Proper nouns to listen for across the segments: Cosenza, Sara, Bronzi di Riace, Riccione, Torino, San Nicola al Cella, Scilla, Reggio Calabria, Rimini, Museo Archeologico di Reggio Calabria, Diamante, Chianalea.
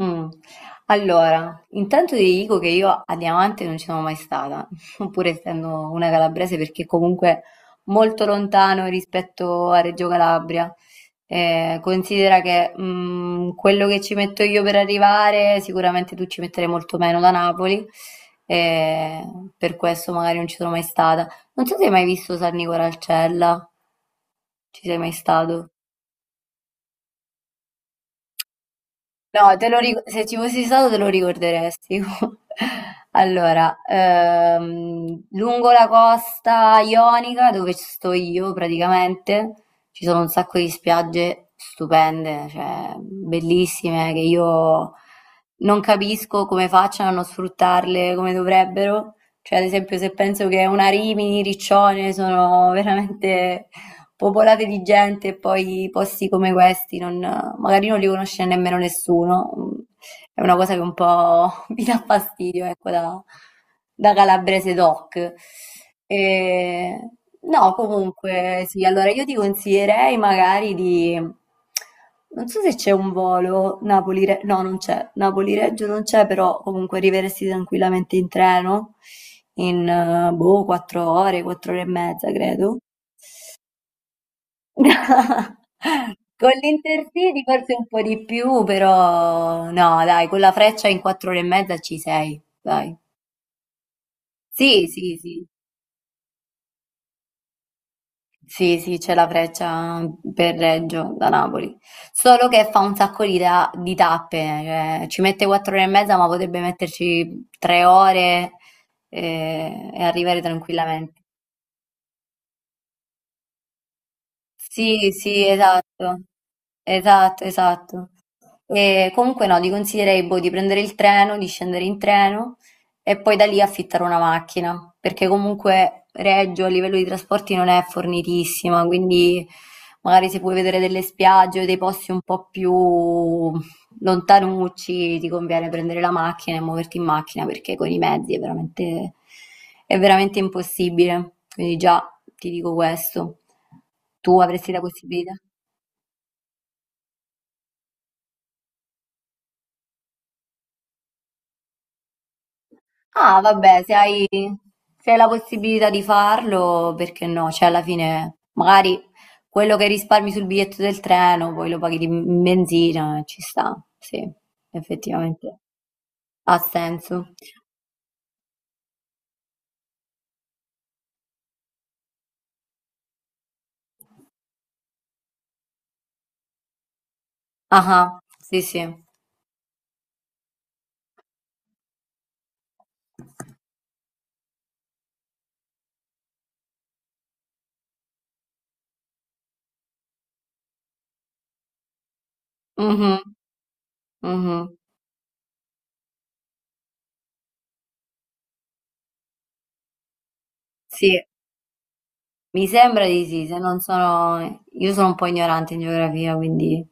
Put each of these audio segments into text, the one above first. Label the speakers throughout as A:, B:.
A: Mh. Allora, intanto ti dico che io a Diamante non ci sono mai stata, pur essendo una calabrese, perché comunque molto lontano rispetto a Reggio Calabria. Considera che quello che ci metto io per arrivare, sicuramente tu ci metterai molto meno da Napoli, eh, per questo magari non ci sono mai stata. Non so se hai mai visto San Nicola al Cella, ci sei mai stato? No, se ci fossi stato te lo ricorderesti. Allora, lungo la costa ionica, dove ci sto io praticamente, ci sono un sacco di spiagge stupende, cioè bellissime, che io non capisco come facciano a non sfruttarle come dovrebbero. Cioè, ad esempio, se penso che una Rimini, Riccione sono veramente popolate di gente e poi posti come questi magari non li conosce nemmeno nessuno. È una cosa che un po' mi dà fastidio, ecco, da calabrese doc. E, no, comunque, sì, allora io ti consiglierei magari di. Non so se c'è un volo Napoli-Reggio, no, non c'è, Napoli-Reggio non c'è, però comunque arriveresti tranquillamente in treno in boh, 4 ore e mezza, credo. Con l'Intercity forse un po' di più, però no, dai, con la freccia in 4 ore e mezza ci sei, dai. Sì, sì, sì, sì, sì, c'è la freccia per Reggio da Napoli, solo che fa un sacco di tappe, cioè, ci mette 4 ore e mezza, ma potrebbe metterci 3 ore e arrivare tranquillamente. Sì, sì, esatto, esatto, esatto. E comunque no, ti consiglierei boh, di prendere il treno, di scendere in treno e poi da lì affittare una macchina, perché comunque Reggio a livello di trasporti non è fornitissima, quindi magari se puoi vedere delle spiagge o dei posti un po' più lontanucci, ti conviene prendere la macchina e muoverti in macchina, perché con i mezzi è veramente impossibile. Quindi già ti dico questo. Tu avresti la possibilità? Ah, vabbè, se hai la possibilità di farlo, perché no? Cioè, alla fine, magari quello che risparmi sul biglietto del treno, poi lo paghi di in benzina, ci sta. Sì, effettivamente. Ha senso. Ah, ah, sì, sì. Mhm, mhm. Sì, mi sembra di sì, se non sono. Io sono un po' ignorante in geografia, quindi.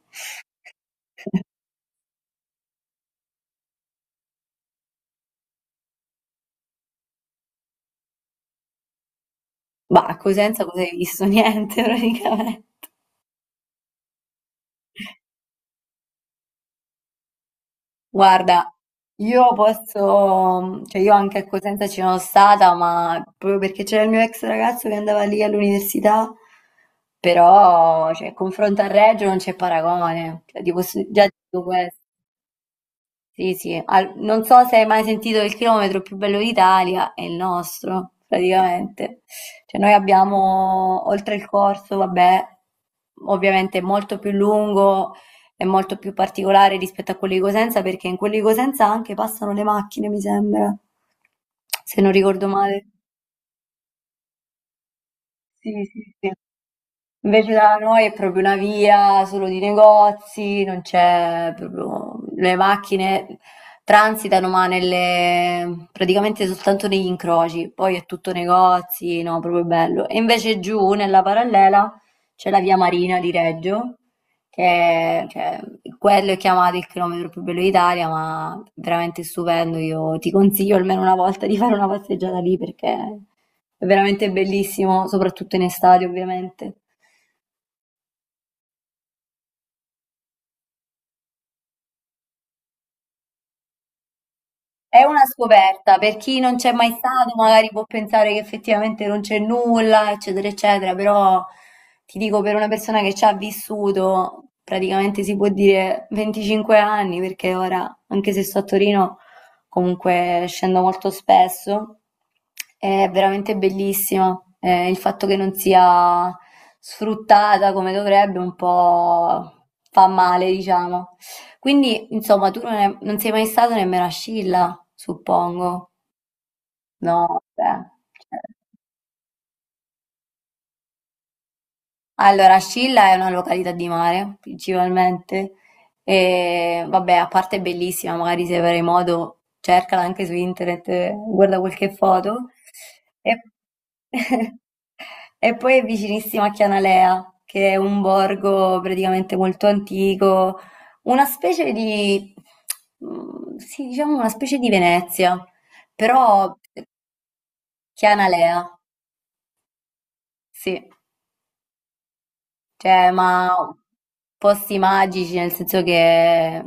A: Bah, a Cosenza cosa hai visto? Niente, praticamente. Guarda, io posso, cioè io anche a Cosenza ci sono stata, ma proprio perché c'era il mio ex ragazzo che andava lì all'università, però, cioè, confronto a Reggio non c'è paragone, cioè, ti posso già dire questo. Sì, sì, non so se hai mai sentito il chilometro più bello d'Italia, è il nostro, praticamente. Cioè noi abbiamo, oltre il corso, vabbè, ovviamente è molto più lungo e molto più particolare rispetto a quello di Cosenza, perché in quello di Cosenza anche passano le macchine, mi sembra, se non ricordo male. Sì, sì, sì. Invece da noi è proprio una via solo di negozi, non c'è proprio. Le macchine transitano ma nelle, praticamente soltanto negli incroci, poi è tutto negozi, no, proprio bello. E invece giù nella parallela c'è la via Marina di Reggio, cioè, quello è chiamato il chilometro più bello d'Italia, ma veramente stupendo, io ti consiglio almeno una volta di fare una passeggiata lì perché è veramente bellissimo, soprattutto in estate ovviamente. È una scoperta, per chi non c'è mai stato magari può pensare che effettivamente non c'è nulla, eccetera, eccetera, però ti dico per una persona che ci ha vissuto praticamente si può dire 25 anni, perché ora, anche se sto a Torino, comunque scendo molto spesso, è veramente bellissima. Il fatto che non sia sfruttata come dovrebbe un po' fa male, diciamo. Quindi, insomma, tu non sei mai stato nemmeno a Scilla, suppongo. No, vabbè. Cioè. Allora, Scilla è una località di mare, principalmente. E vabbè, a parte è bellissima, magari se avrai modo, cercala anche su internet, guarda qualche foto. E, e poi è vicinissima a Chianalea, che è un borgo praticamente molto antico, una specie di, sì, diciamo una specie di Venezia, però Chianalea, sì. Cioè, ma posti magici, nel senso che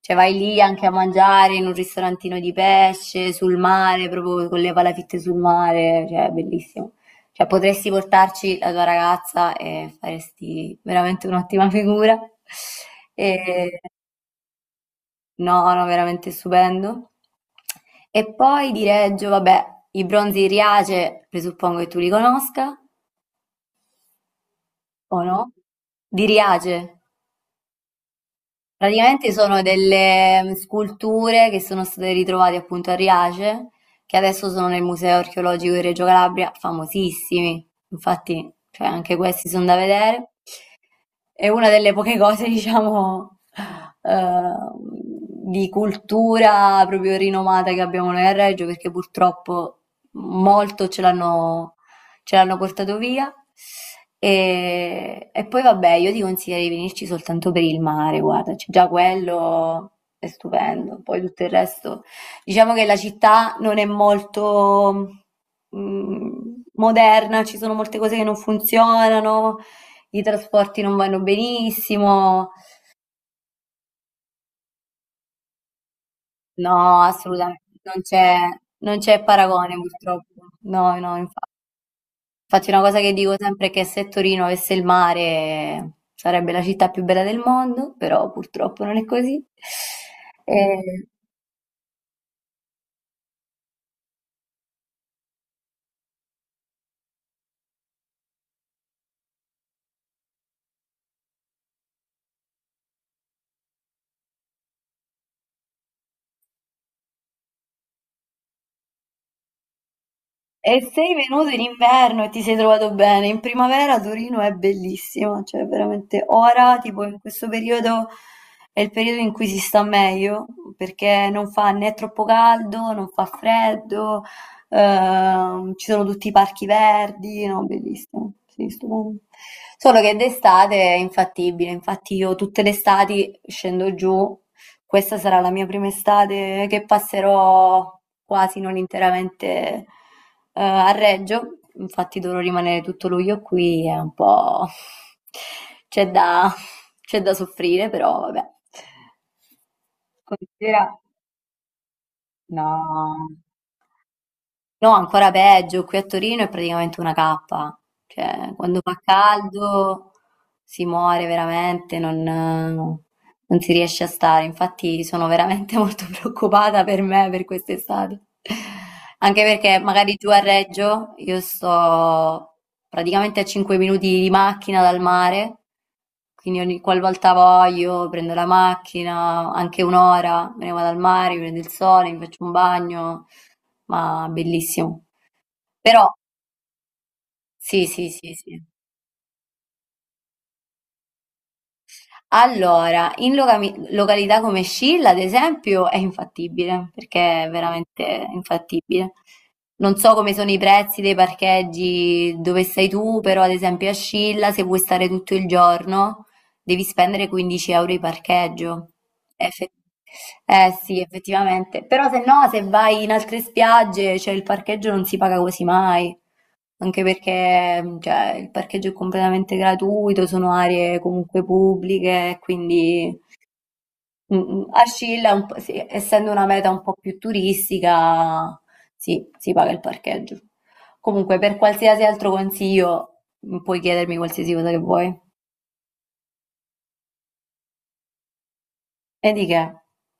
A: cioè, vai lì anche a mangiare in un ristorantino di pesce, sul mare, proprio con le palafitte sul mare, cioè, è bellissimo. Cioè, potresti portarci la tua ragazza e faresti veramente un'ottima figura. E- no, no, veramente stupendo. E poi di Reggio, vabbè, i bronzi di Riace, presuppongo che tu li conosca, o no? Di Riace. Praticamente sono delle sculture che sono state ritrovate appunto a Riace, che adesso sono nel Museo Archeologico di Reggio Calabria, famosissimi. Infatti, cioè, anche questi sono da vedere. È una delle poche cose, diciamo, eh, di cultura proprio rinomata che abbiamo noi a Reggio, perché purtroppo molto ce l'hanno portato via. E poi vabbè, io ti consiglio di venirci soltanto per il mare, guarda, c'è già quello è stupendo, poi tutto il resto. Diciamo che la città non è molto mm, moderna, ci sono molte cose che non funzionano, i trasporti non vanno benissimo, no, assolutamente, non c'è paragone purtroppo. No, no, infatti. Infatti una cosa che dico sempre è che se Torino avesse il mare sarebbe la città più bella del mondo, però purtroppo non è così. E E sei venuto in inverno e ti sei trovato bene. In primavera Torino è bellissima, cioè veramente ora, tipo in questo periodo è il periodo in cui si sta meglio, perché non fa né troppo caldo, non fa freddo, ci sono tutti i parchi verdi, no, bellissimo, sì, stupendo. Solo che d'estate è infattibile, infatti io tutte le estati scendo giù. Questa sarà la mia prima estate che passerò quasi non interamente, a Reggio, infatti dovrò rimanere tutto luglio qui, è un po'. c'è da... c'è da soffrire, però vabbè. Considera. No. No, ancora peggio, qui a Torino è praticamente una cappa, cioè quando fa caldo si muore veramente, non si riesce a stare, infatti sono veramente molto preoccupata per me per quest'estate, anche perché magari giù a Reggio io sto praticamente a 5 minuti di macchina dal mare, quindi ogni qualvolta voglio prendo la macchina, anche un'ora, me ne vado al mare, mi prendo il sole, mi faccio un bagno, ma bellissimo. Però, sì, sì, sì, sì. Allora, in località come Scilla, ad esempio, è infattibile, perché è veramente infattibile. Non so come sono i prezzi dei parcheggi dove sei tu, però ad esempio a Scilla, se vuoi stare tutto il giorno, devi spendere 15 euro di parcheggio. Effe- eh sì, effettivamente. Però se no, se vai in altre spiagge, cioè il parcheggio non si paga quasi mai. Anche perché cioè, il parcheggio è completamente gratuito, sono aree comunque pubbliche, quindi Ascilla, sì, essendo una meta un po' più turistica, sì, si paga il parcheggio. Comunque, per qualsiasi altro consiglio, puoi chiedermi qualsiasi cosa che vuoi. E di che?